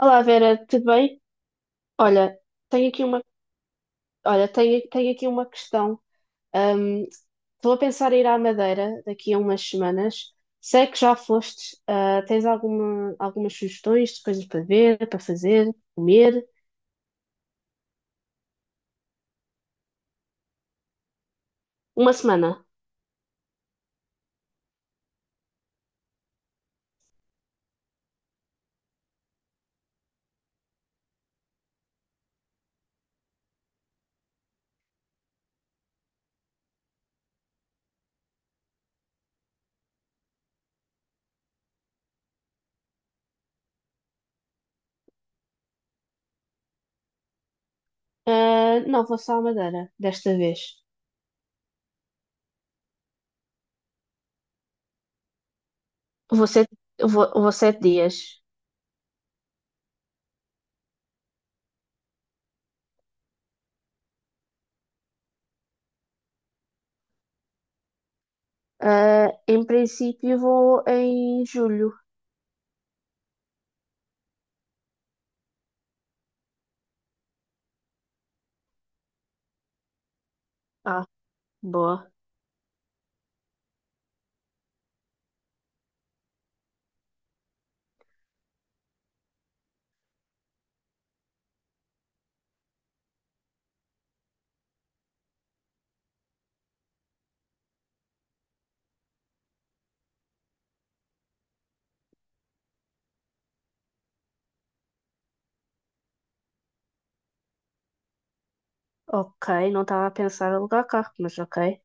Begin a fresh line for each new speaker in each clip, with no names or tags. Olá Vera, tudo bem? Olha, tenho aqui uma, olha, tenho aqui uma questão. Ahm, Estou a pensar em ir à Madeira daqui a umas semanas. Sei que já foste. Tens algumas sugestões de coisas para ver, para fazer, comer? Uma semana. Ah, não, vou só à Madeira desta vez. Vou sete, vou 7 dias. Ah, em princípio vou em julho. Ah, boa. Ok, não estava a pensar em alugar carro, mas ok.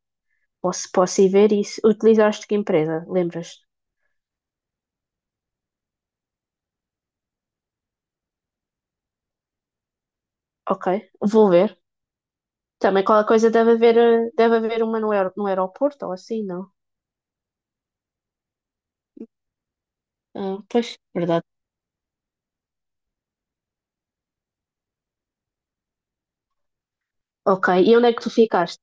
Posso ir ver isso. Utilizaste que empresa? Lembras-te? Ok, vou ver. Também qualquer coisa deve haver uma no aeroporto ou assim, não? Ah, pois, verdade. Ok, e onde é que tu ficaste?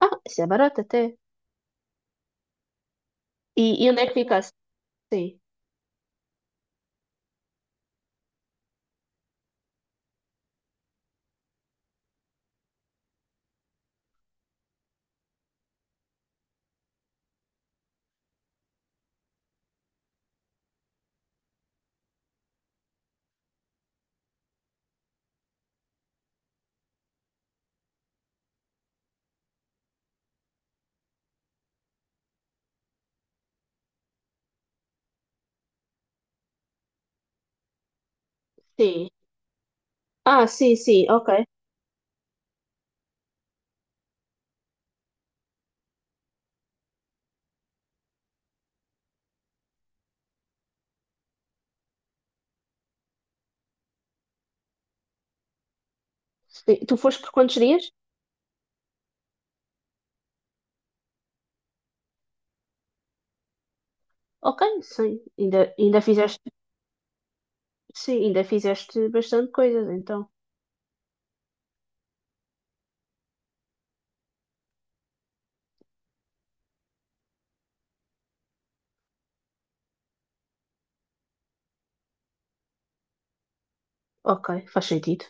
Ah, isso é barato até. E onde é que ficaste? Sim, sim. Ah, sim, sim, ok. Sim, tu foste por quantos dias? Ok, sim. Ainda fizeste, sim, ainda fizeste bastante coisas, então. Ok, faz sentido.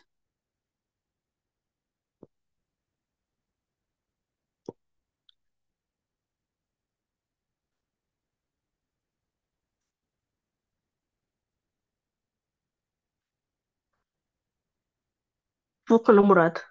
Vou com o namorado.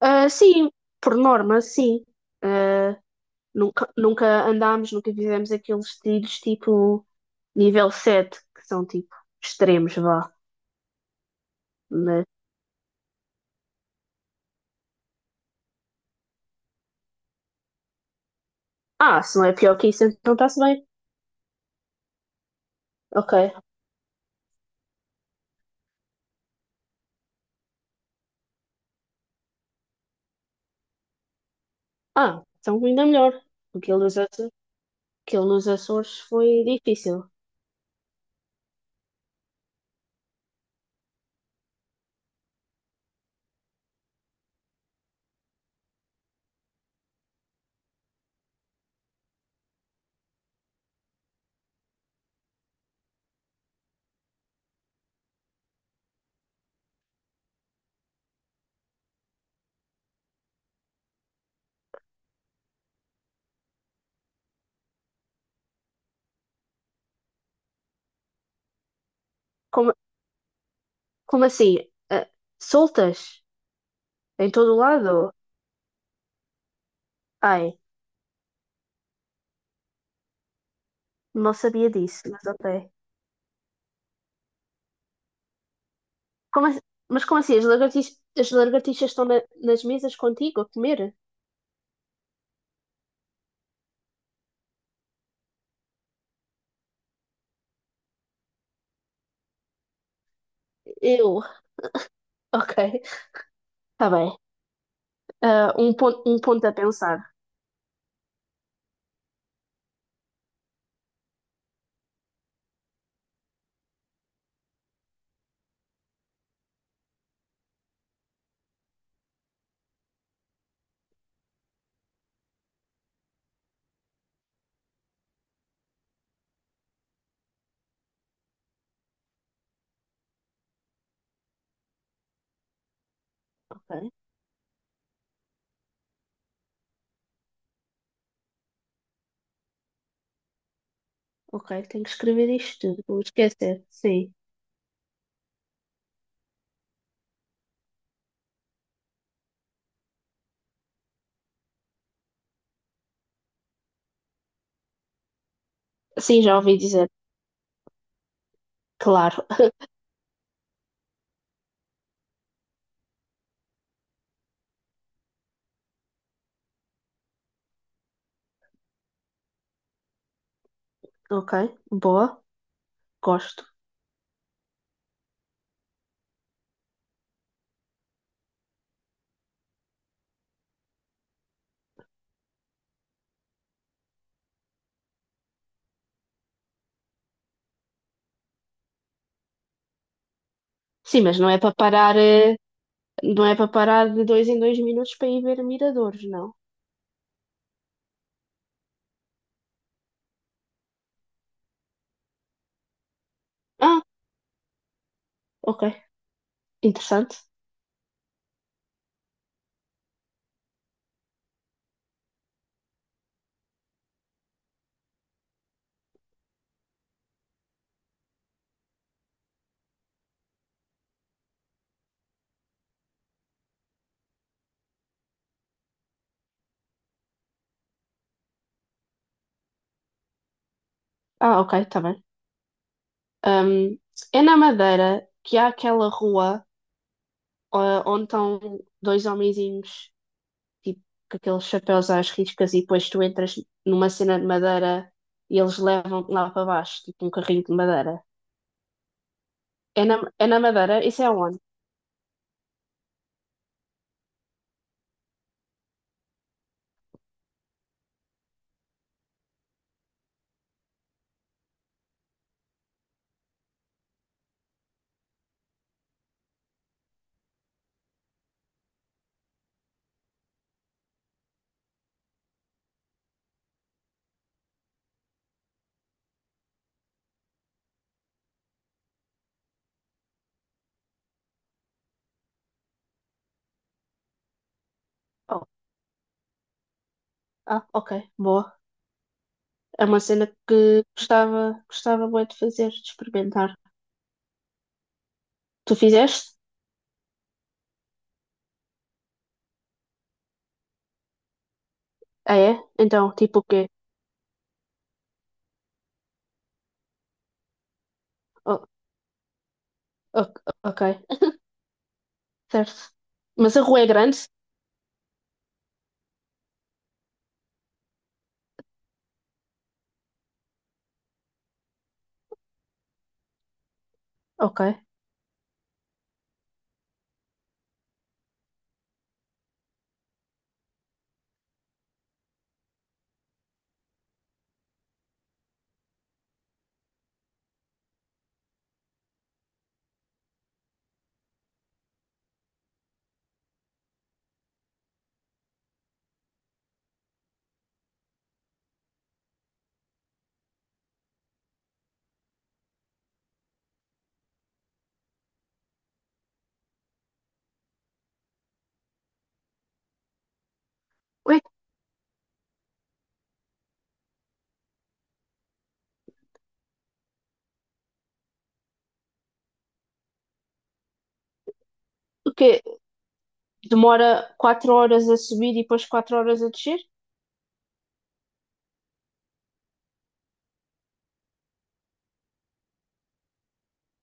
Ah, sim, por norma, sim. Ah, nunca nunca fizemos aqueles trilhos tipo nível 7, que são tipo extremos, vá. Mas, ah, se não é pior que isso, então está-se bem. Ok. Ah, então ainda melhor. Aquilo nos Açores, aquilo nos Açores foi difícil. Como, como assim? Ah, soltas? Em todo o lado? Ai, não sabia disso, mas ok. Como, assim- mas como assim? As lagartixas estão nas mesas contigo a comer? Eu. Ok, está bem. Ah, um ponto a pensar. Ok, ok, tenho que escrever isto tudo, vou esquecer. Sim. Sim, já ouvi dizer. Claro. Ok, boa, gosto. Sim, mas não é para parar, eh, não é para parar de dois em dois minutos para ir ver miradores, não. Ah, ok, interessante. Ah, ok, está bem. Ahm, É na Madeira que há aquela rua onde estão dois homenzinhos tipo, com aqueles chapéus às riscas, e depois tu entras numa cena de madeira e eles levam-te lá para baixo, tipo um carrinho de madeira. É na, é na Madeira? Isso é onde? Oh, ah, ok, boa. É uma cena que gostava muito de fazer, de experimentar. Tu fizeste? Ah, é? Então, tipo o quê? Oh, ok, ok, certo. Mas a rua é grande? Ok. Ué, o quê? Demora 4 horas a subir e depois 4 horas a descer?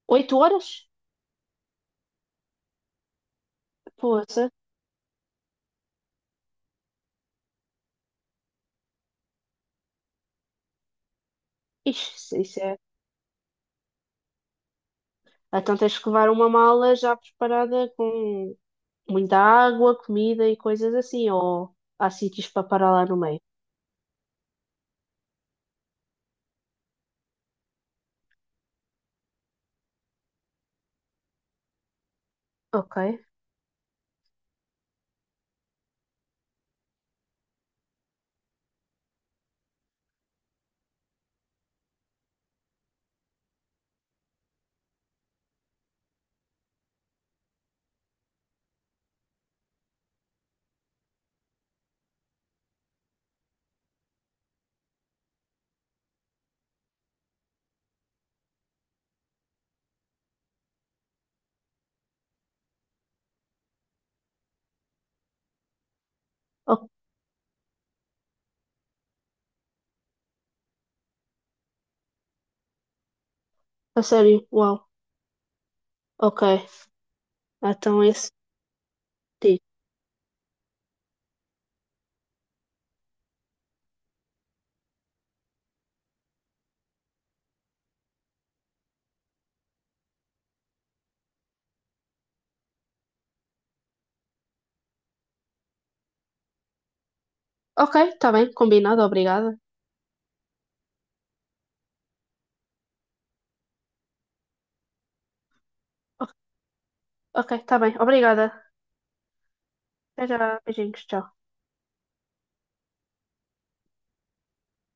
8 horas? Poça. Ixi, isso é. Então tens que levar uma mala já preparada com muita água, comida e coisas assim, ou há sítios para parar lá no meio. Ok. Oh, a sério? Uau. Ok. Então esse tipo. Ok, tá bem, combinado, obrigada. O- Ok, tá bem, obrigada. Até já, beijinhos, tchau.